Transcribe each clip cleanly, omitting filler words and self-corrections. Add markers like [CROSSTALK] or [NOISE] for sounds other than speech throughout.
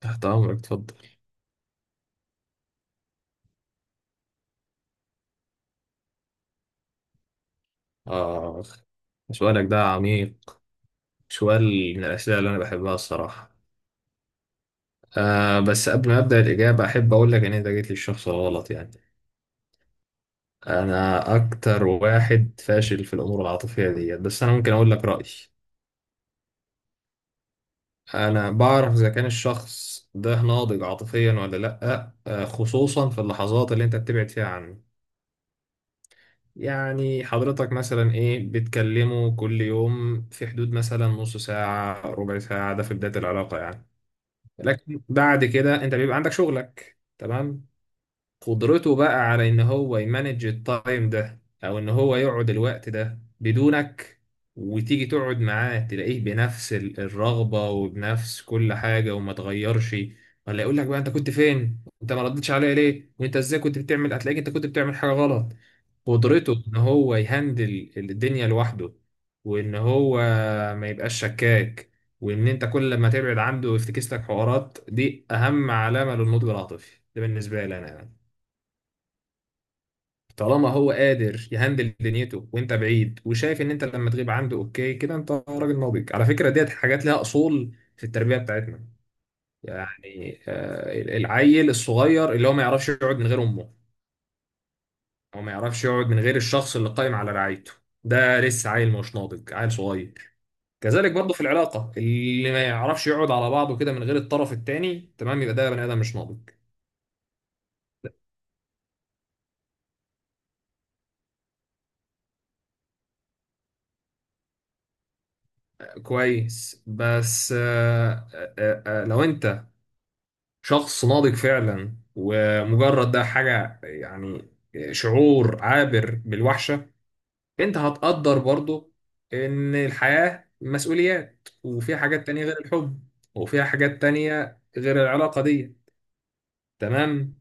تحت أمرك، اتفضل. آخ، سؤالك ده عميق. سؤال من الأسئلة اللي أنا بحبها الصراحة. آه، بس قبل ما أبدأ الإجابة أحب أقول لك إن أنت جيت للشخص الغلط يعني. أنا أكتر واحد فاشل في الأمور العاطفية ديت، بس أنا ممكن أقول لك رأيي. أنا بعرف إذا كان الشخص ده ناضج عاطفيا ولا لأ، خصوصا في اللحظات اللي أنت بتبعد فيها عنه. يعني حضرتك مثلا ايه، بتكلمه كل يوم في حدود مثلا نص ساعة ربع ساعة، ده في بداية العلاقة يعني. لكن بعد كده انت بيبقى عندك شغلك، تمام. قدرته بقى على ان هو يمانج التايم ده او ان هو يقعد الوقت ده بدونك، وتيجي تقعد معاه تلاقيه بنفس الرغبة وبنفس كل حاجة وما تغيرش، ولا يقول لك بقى انت كنت فين، انت ما ردتش عليا ليه، وانت ازاي كنت بتعمل، هتلاقيك انت كنت بتعمل حاجة غلط. قدرته ان هو يهندل الدنيا لوحده وان هو ما يبقاش شكاك، وان انت كل ما تبعد عنده ويفتكس لك حوارات، دي اهم علامة للنضج العاطفي ده بالنسبة لي انا يعني. طالما هو قادر يهندل دنيته وانت بعيد وشايف ان انت لما تغيب عنده اوكي كده، انت راجل ناضج. على فكرة ديت حاجات لها اصول في التربية بتاعتنا، يعني العيل الصغير اللي هو ما يعرفش يقعد من غير امه، هو ما يعرفش يقعد من غير الشخص اللي قائم على رعايته، ده لسه عيل مش ناضج، عيل صغير. كذلك برضه في العلاقة اللي ما يعرفش يقعد على بعضه كده من غير الطرف التاني، تمام، يبقى ده بني آدم مش ناضج. كويس. بس لو انت شخص ناضج فعلا ومجرد ده حاجة يعني شعور عابر بالوحشة، انت هتقدر برضه ان الحياة مسؤوليات وفيها حاجات تانية غير الحب، وفيها حاجات تانية غير العلاقة دي. تمام.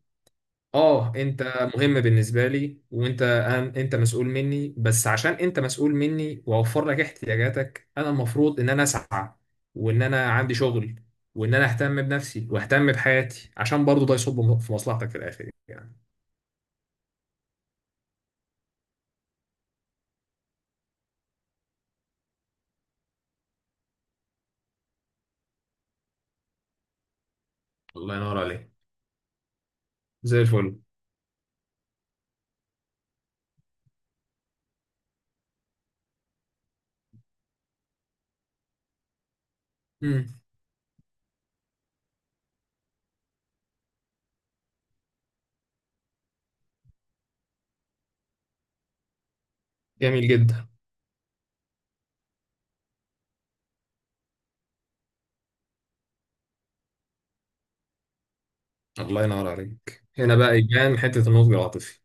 اه انت مهم بالنسبه لي، وانت انت مسؤول مني، بس عشان انت مسؤول مني واوفر لك احتياجاتك انا المفروض ان انا اسعى وان انا عندي شغل وان انا اهتم بنفسي واهتم بحياتي، عشان برضو ده يصب في مصلحتك في الاخر يعني. الله ينور عليك. زي الفل. امم. جميل جدا. الله ينور عليك، هنا بقى يبان حته النضج العاطفي.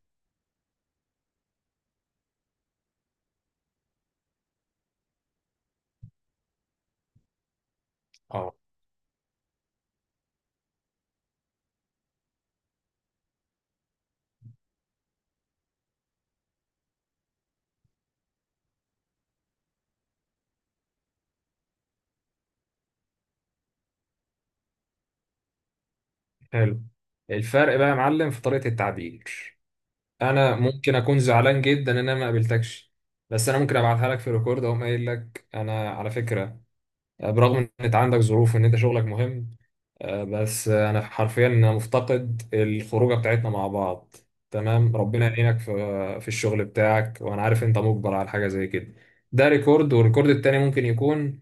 اه، حلو. الفرق بقى يا معلم في طريقه التعبير. انا ممكن اكون زعلان جدا ان انا ما قابلتكش، بس انا ممكن ابعتها لك في ريكورد، اقوم قايل لك: انا على فكره، برغم ان انت عندك ظروف وان انت شغلك مهم، آه، بس آه، انا حرفيا انا مفتقد الخروجه بتاعتنا مع بعض. تمام، ربنا يعينك في في الشغل بتاعك وانا عارف انت مجبر على حاجه زي كده. ده ريكورد، والريكورد التاني ممكن يكون: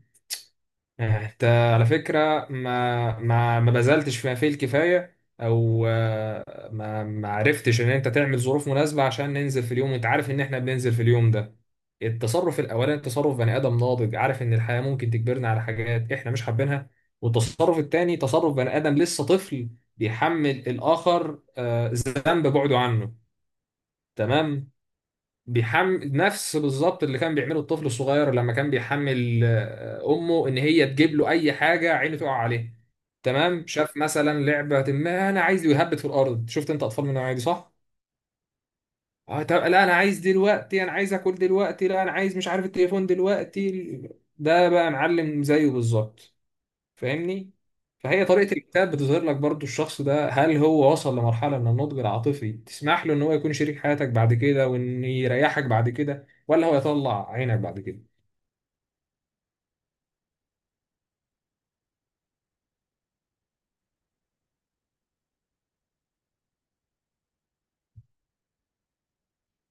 انت على فكرة ما بذلتش فيه الكفاية، او ما عرفتش ان انت تعمل ظروف مناسبة عشان ننزل في اليوم وانت عارف ان احنا بننزل في اليوم ده. التصرف الاولاني تصرف بني ادم ناضج، عارف ان الحياة ممكن تجبرنا على حاجات احنا مش حابينها. والتصرف التاني تصرف بني ادم لسه طفل، بيحمل الاخر ذنب بعده عنه. تمام. بيحمل نفس بالظبط اللي كان بيعمله الطفل الصغير لما كان بيحمل امه ان هي تجيب له اي حاجه عينه تقع عليه. تمام، شاف مثلا لعبه، ما انا عايز، يهبط في الارض. شفت انت اطفال من النوعيه دي؟ صح. اه، طب لا انا عايز دلوقتي، انا عايز اكل دلوقتي، لا انا عايز مش عارف التليفون دلوقتي. ده بقى معلم زيه بالظبط. فاهمني. فهي طريقة الكتاب بتظهر لك برضو الشخص ده هل هو وصل لمرحلة من النضج العاطفي تسمح له ان هو يكون شريك حياتك بعد كده وان يريحك بعد كده، ولا هو يطلع عينك بعد كده.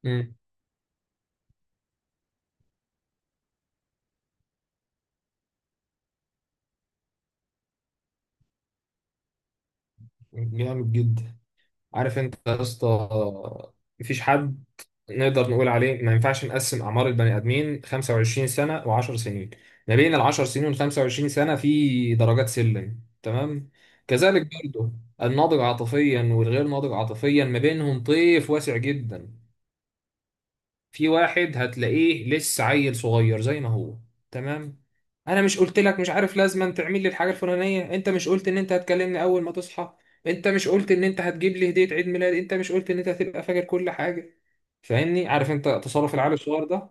امم. جامد جدا. عارف انت يا اسطى، مفيش حد نقدر نقول عليه. ما ينفعش نقسم اعمار البني ادمين 25 سنه و10 سنين، ما بين ال 10 سنين وال 25 سنه في درجات سلم، تمام. كذلك برضه الناضج عاطفيا والغير ناضج عاطفيا ما بينهم طيف واسع جدا. في واحد هتلاقيه لسه عيل صغير زي ما هو، تمام. انا مش قلت لك مش عارف لازم تعمل لي الحاجه الفلانيه، انت مش قلت ان انت هتكلمني اول ما تصحى، انت مش قلت ان انت هتجيب لي هديه عيد ميلاد، انت مش قلت ان انت هتبقى فاكر كل حاجه. فاهمني، عارف انت تصرف العيال الصغير ده.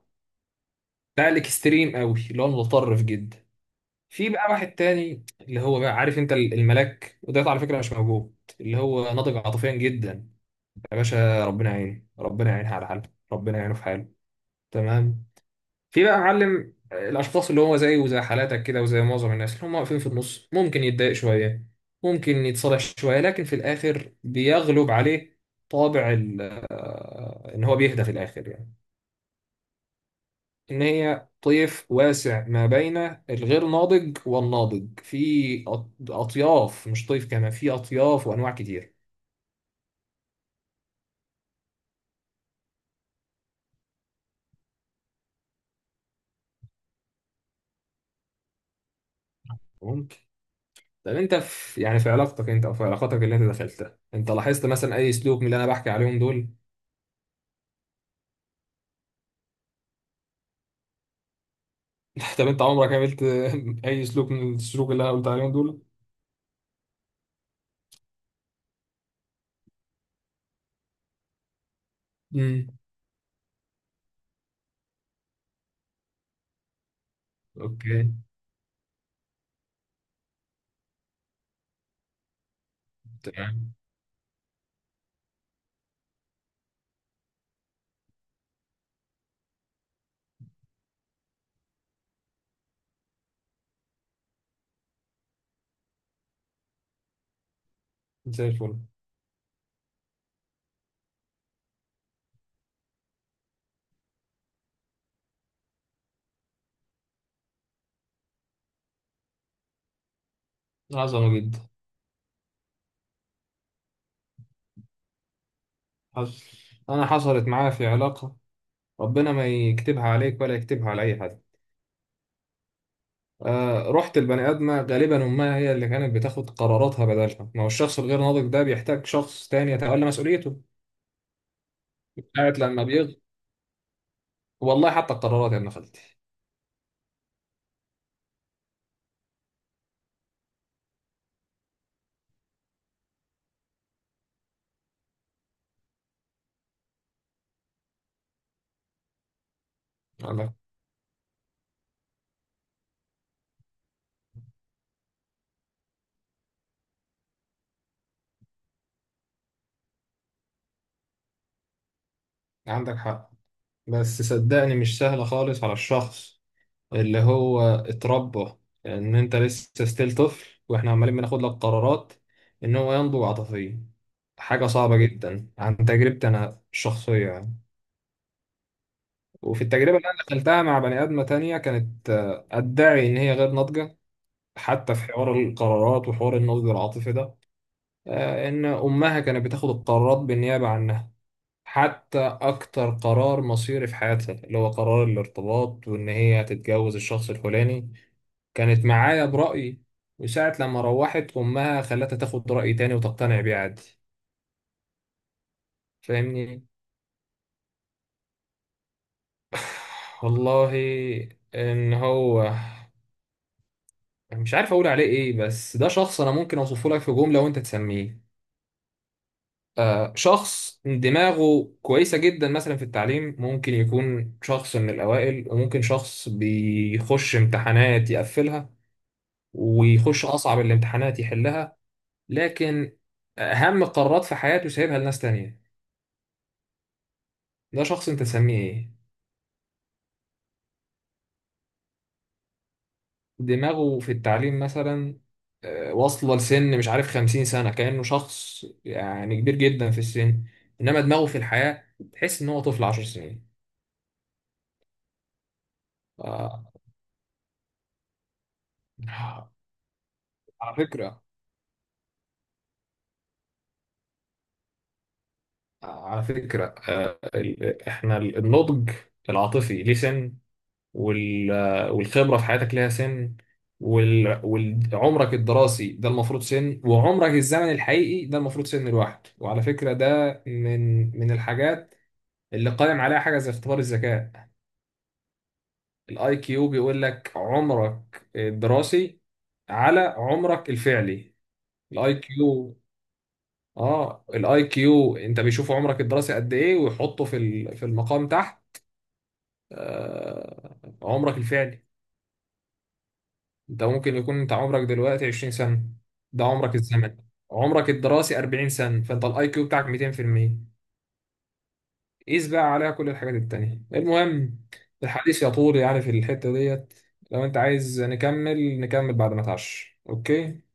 ده الاكستريم قوي، اللي هو المتطرف جدا. في بقى واحد تاني اللي هو بقى عارف انت الملاك، وده على فكره مش موجود، اللي هو ناضج عاطفيا جدا. يا باشا ربنا يعينه، ربنا يعينها على حاله، ربنا يعينه في حاله، تمام. في بقى معلم الاشخاص اللي هو زيه وزي حالاتك كده وزي معظم الناس اللي هم واقفين في النص، ممكن يتضايق شويه، ممكن يتصالح شويه، لكن في الاخر بيغلب عليه طابع ان هو بيهدى في الاخر يعني. ان هي طيف واسع ما بين الغير ناضج والناضج، في اطياف، مش طيف، كمان في اطياف وانواع كتير. ممكن. طب انت في يعني في علاقتك انت او في علاقاتك اللي انت دخلتها، انت لاحظت مثلا اي سلوك من اللي انا بحكي عليهم دول؟ [LAUGHS] طب انت عمرك عملت [LAUGHS] اي سلوك من السلوك اللي انا قلت عليهم دول؟ امم. اوكي. تمام. زي الفل. عظمه جدا. حصل، انا حصلت معايا في علاقه، ربنا ما يكتبها عليك ولا يكتبها على اي حد. رحت البني ادمه غالبا امها هي اللي كانت بتاخد قراراتها بدلها، ما هو الشخص الغير ناضج ده بيحتاج شخص تاني يتولى مسؤوليته. ساعة لما والله حتى القرارات يا ابن خالتي. عندك. عندك حق، بس صدقني مش سهله خالص على الشخص اللي هو اتربى ان انت لسه ستيل طفل واحنا عمالين بناخد لك قرارات، ان هو ينضج عاطفيا. حاجة صعبة جدا عن تجربتي انا الشخصية يعني. وفي التجربة اللي انا دخلتها مع بني ادمة تانية كانت ادعي ان هي غير ناضجة حتى في حوار القرارات وحوار النضج العاطفي ده. ان امها كانت بتاخد القرارات بالنيابة عنها، حتى اكتر قرار مصيري في حياتها اللي هو قرار الارتباط وان هي هتتجوز الشخص الفلاني كانت معايا برأي، وساعة لما روحت أمها خلتها تاخد رأي تاني وتقتنع بيه عادي. فاهمني. [SIGHS] والله إن هو مش عارف أقول عليه إيه، بس ده شخص أنا ممكن أوصفه لك في جملة وأنت تسميه. شخص دماغه كويسة جدا مثلا في التعليم، ممكن يكون شخص من الأوائل، وممكن شخص بيخش امتحانات يقفلها ويخش أصعب الامتحانات يحلها. لكن أهم قرارات في حياته سايبها لناس تانية. ده شخص انت تسميه ايه؟ دماغه في التعليم مثلا واصلة لسن مش عارف 50 سنة كأنه شخص يعني كبير جدا في السن. إنما دماغه في الحياة تحس إن هو طفل 10 سنين. آه، على فكرة. على فكرة إحنا النضج العاطفي ليه سن، وال- آه، والخبرة في حياتك ليها سن، وال- وعمرك الدراسي ده المفروض سن، وعمرك الزمن الحقيقي ده المفروض سن الواحد. وعلى فكرة ده من الحاجات اللي قائم عليها حاجه زي اختبار الذكاء. الاي كيو بيقول لك عمرك الدراسي على عمرك الفعلي. الاي كيو. اه، الاي كيو انت بيشوف عمرك الدراسي قد ايه ويحطه في في المقام تحت عمرك الفعلي. انت ممكن يكون انت عمرك دلوقتي 20 سنه، ده عمرك الزمني، عمرك الدراسي 40 سنه، فانت الاي كيو بتاعك 200%. قيس بقى عليها كل الحاجات التانية. المهم، الحديث يطول يعني في الحتة ديت، لو انت عايز نكمل نكمل بعد ما تعش، اوكي.